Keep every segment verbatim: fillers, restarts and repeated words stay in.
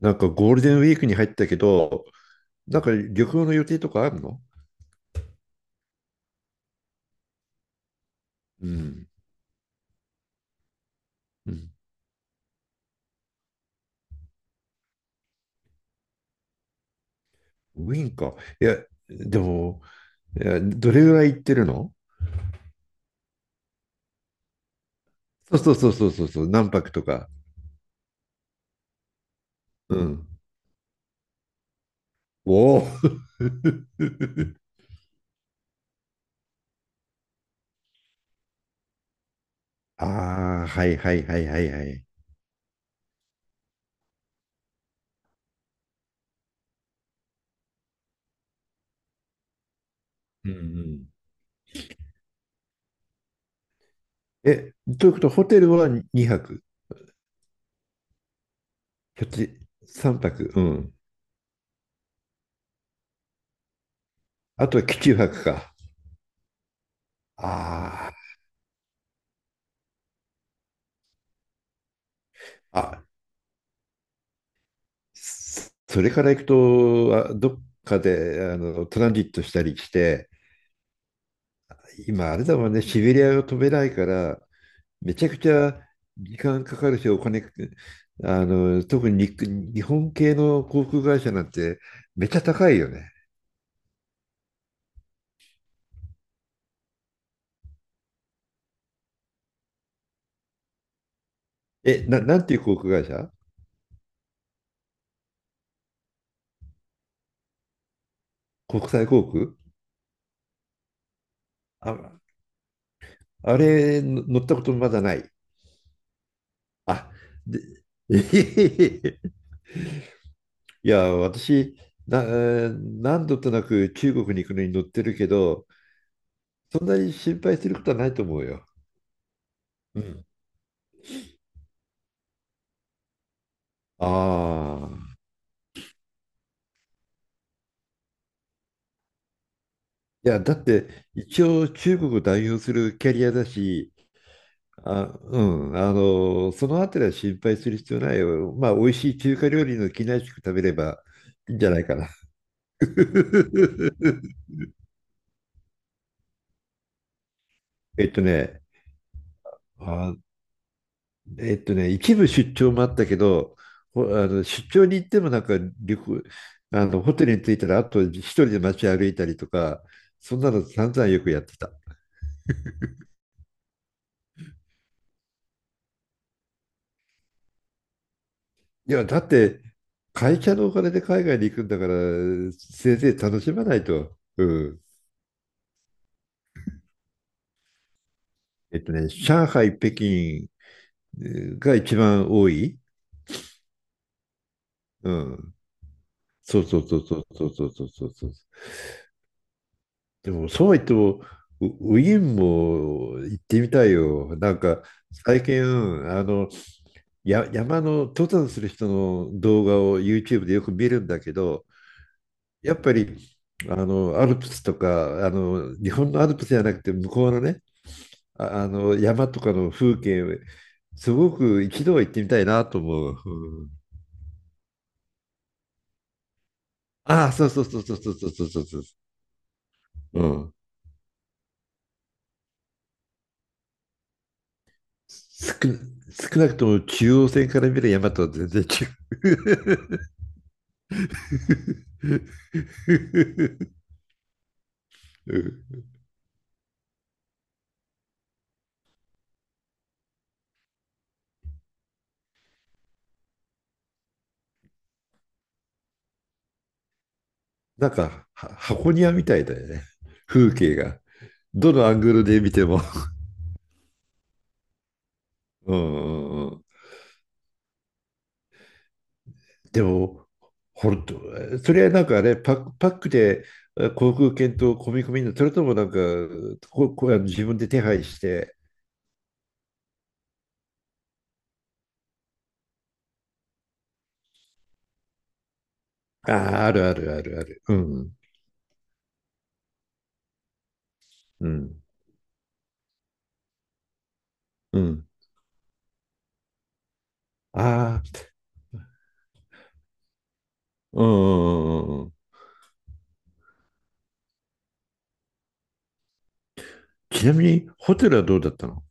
なんかゴールデンウィークに入ったけど、なんか旅行の予定とかあるの？うん。うん。ウィーンか。いや、でも、いや、どれぐらい行ってるの？そうそうそうそうそうそう、何泊とか。うん。おお。ああ、はいはいはいはいはい。うんうん。え、ということは、ホテルはにはく、ひょっとしてさんぱく、うん。あとは基地泊か。ああ。あ、それから行くと、あどっかであのトランジットしたりして、今あれだもんね、シベリアを飛べないから、めちゃくちゃ時間かかるし、お金、あの特に日日本系の航空会社なんてめっちゃ高いよね。え、な、なんていう航空会社？国際航空？あ、あれの乗ったことまだない。あ、で、いや、私、な、えー何度となく中国に行くのに乗ってるけど、そんなに心配することはないと思うよ。うん。ああ。いや、だって、一応中国を代表するキャリアだし、あ、うん、あの、そのあたりは心配する必要ないよ。まあ、美味しい中華料理の機内食食べればいいんじゃないかな。えっとね、あ、えっとね、一部出張もあったけど、ほあの出張に行ってもなんか旅行、あのホテルに着いたらあと一人で街歩いたりとか、そんなの散々よくやってた。いや、だって、会社のお金で海外に行くんだから、せいぜい楽しまないと。うん。えっとね、上海、北京えーが一番多い。うん。そうそうそうそうそうそうそうそうそう。でも、そうは言っても、ウウィーンも行ってみたいよ。なんか、最近、あの、や、山の登山する人の動画を YouTube でよく見るんだけど、やっぱり、あの、アルプスとか、あの、日本のアルプスじゃなくて、向こうのね、あ、あの山とかの風景、すごく一度は行ってみたいなと思う。うん、ああ、そうそうそうそうそうそうそうそうそう。うん。少な、少なくとも中央線から見る山とは全然違う。うん。なんかは箱庭みたいだよね。風景が。どのアングルで見ても。うんうんうん。でも、本当、それはなんかね、パック、パックであ航空券と込み込みの、それともなんか、こ、こ、あの自分で手配して、ああ、あるあるあるある。うん、うん、うん。ああ、うんうんうんうん。ちなみに、ホテルはどうだったの？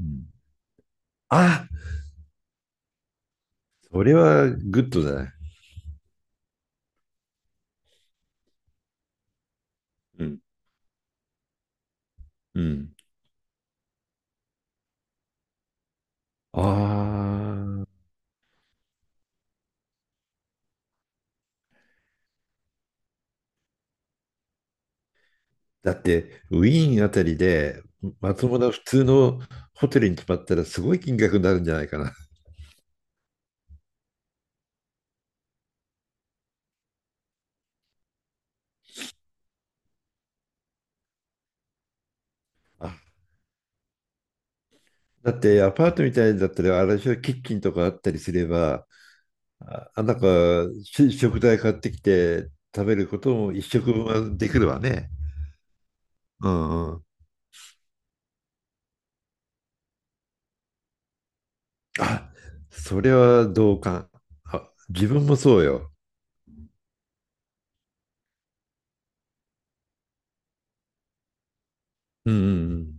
うん。あ、それはグッドだね。うん、うん。ああ、だって、ウィーンあたりで、まともな普通のホテルに泊まったらすごい金額になるんじゃないかな。あ、だってアパートみたいだったら、あれでしょ、キッチンとかあったりすれば、あ、あなんかし食材買ってきて食べることも一食分はできるわね。うんうん。あ、それは同感。あ、自分もそうよ。うんうんうん。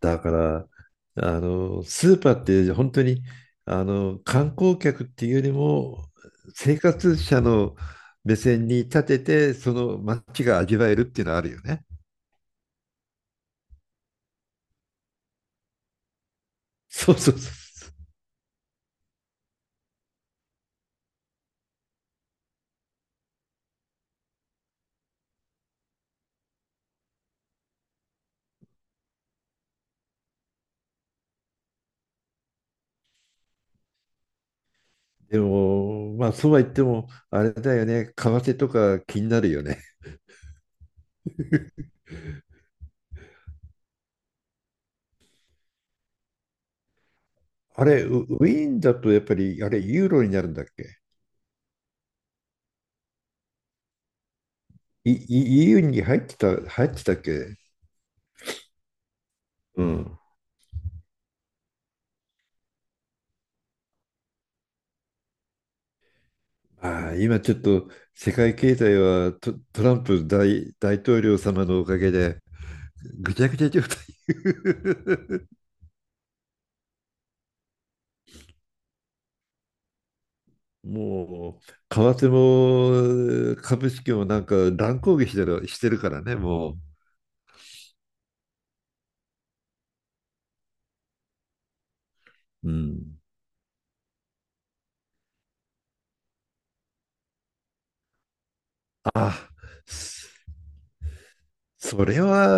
だから、あの、スーパーって本当に、あの、観光客っていうよりも、生活者の目線に立てて、その街が味わえるっていうのはあるよね。そうそうそう。でも、まあ、そうは言っても、あれだよね、為替とか気になるよね。あれ、ウウィーンだとやっぱり、あれ、ユーロになるんだっけ？いい ?イーユー に入ってた、入ってたっけ？うん。ああ、今ちょっと世界経済はト、トランプ大、大統領様のおかげで、ぐちゃぐちゃ状態。もう、為替も株式もなんか乱高下してる、してるからね、もう。うん。ああ、それは、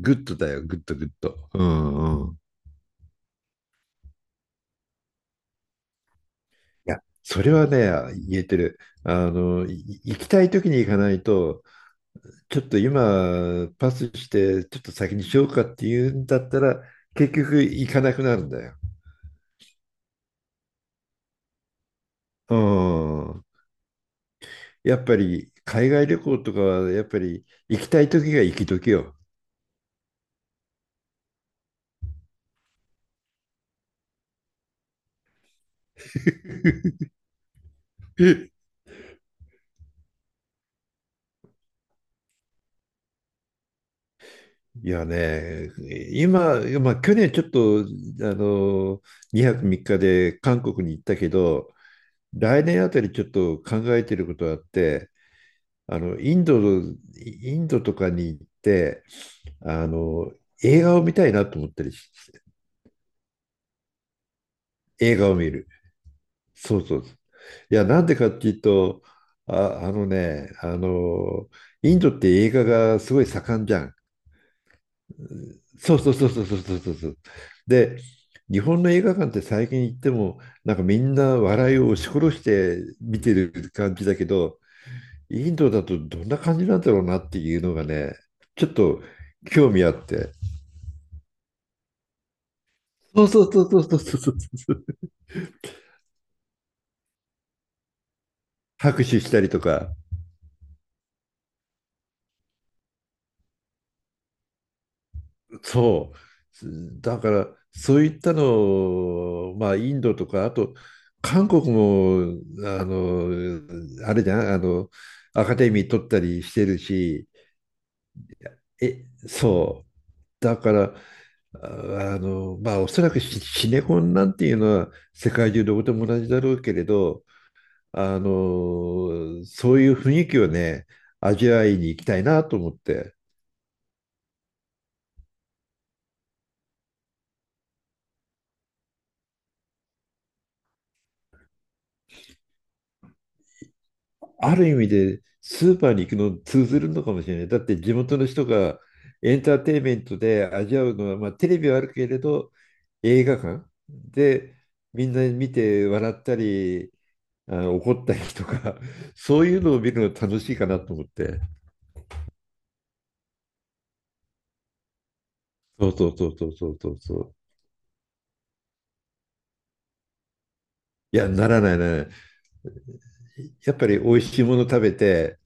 グッドだよ、グッド、グッド。うんうん。いや、それはね、言えてる。あの、い行きたい時に行かないと、ちょっと今、パスして、ちょっと先にしようかっていうんだったら、結局行かなくなるんだよ。うん。やっぱり、海外旅行とかは、やっぱり、行きたい時が行き時よ。いやね、今、まあ、去年ちょっと、あの、にはくみっかで韓国に行ったけど、来年あたりちょっと考えていることがあって、あの、インドの、インドとかに行って、あの、映画を見たいなと思ったりし、映画を見る。そうそう。いや、なんでかっていうと、あ、あのね、あの、インドって映画がすごい盛んじゃん。そうそうそうそうそうそうそうそう。で、日本の映画館って最近行っても、なんかみんな笑いを押し殺して見てる感じだけど、インドだとどんな感じなんだろうなっていうのがね、ちょっと興味あって。そうそうそうそうそうそうそう。拍手したりとか、そう。だから、そういったのを、まあ、インドとか、あと、韓国も、あの、あれじゃん、あの、アカデミー取ったりしてるし、え、そう。だから、ああの、まあ、おそらくシシネコンなんていうのは世界中どこでも同じだろうけれど、あの、そういう雰囲気をね、味わいに行きたいなと思って、ある意味でスーパーに行くの通ずるのかもしれない。だって地元の人がエンターテインメントで味わうのは、まあ、テレビはあるけれど、映画館でみんな見て笑ったり、あ、怒ったりとか、そういうのを見るの楽しいかなと思って。そうそうそうそうそうそうそう。いや、ならないならない。やっぱり美味しいもの食べて、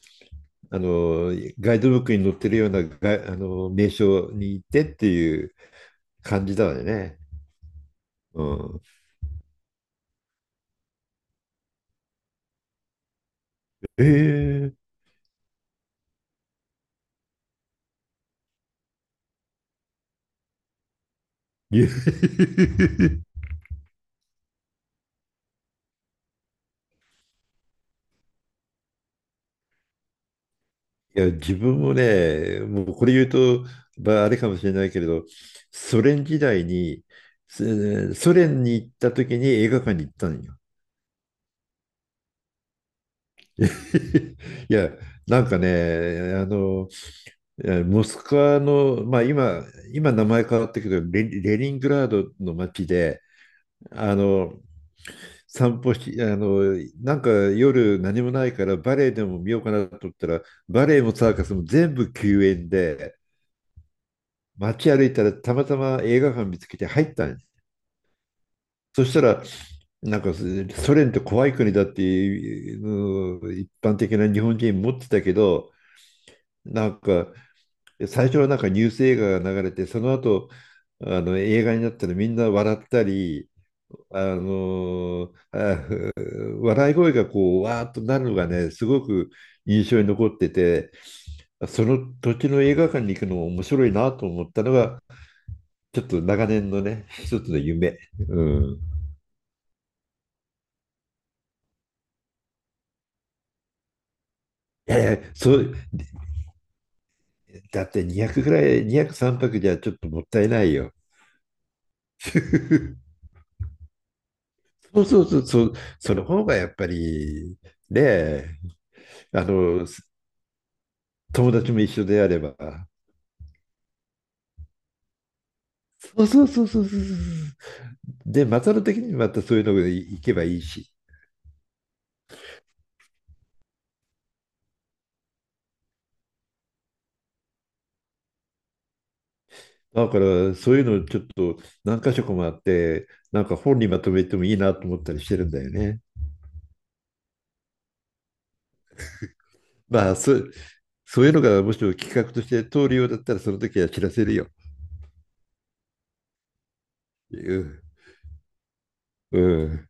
あの、ガイドブックに載ってるようなが、あの、名所に行ってっていう感じだよね。うん。ええ。いや 自分もね、もうこれ言うと、まあ、あれかもしれないけれど、ソ連時代に、ソ連に行った時に映画館に行ったのよ。いや、なんかね、あの、モスクワの、まあ、今、今名前変わったけどレ、レニングラードの街で、あの、散歩し、あの、なんか夜何もないからバレエでも見ようかなと思ったら、バレエもサーカスも全部休園で、街歩いたらたまたま映画館見つけて入ったんです。そしたら、なんかソ連って怖い国だっていうのを一般的な日本人持ってたけど、なんか最初はなんかニュース映画が流れて、その後、あの映画になったらみんな笑ったり、あのあ笑い声がこう、わーっとなるのがね、すごく印象に残ってて、その土地の映画館に行くのも面白いなと思ったのが、ちょっと長年のね、一つの夢。うん。いやいや、そう、だってにひゃくぐらい、にひゃく、さんぱくじゃちょっともったいないよ。そうそうそう、そう、その方がやっぱり、ねえ。あの、友達も一緒であれば、そうそうそうそうそうそうそう。で、マサル的にまたそういうのが行けばいいし。だからそういうのちょっと何箇所かもあって、なんか本にまとめてもいいなと思ったりしてるんだよね。まあ、そう、そういうのがもしも企画として通るようだったら、その時は知らせるよ。うん。うん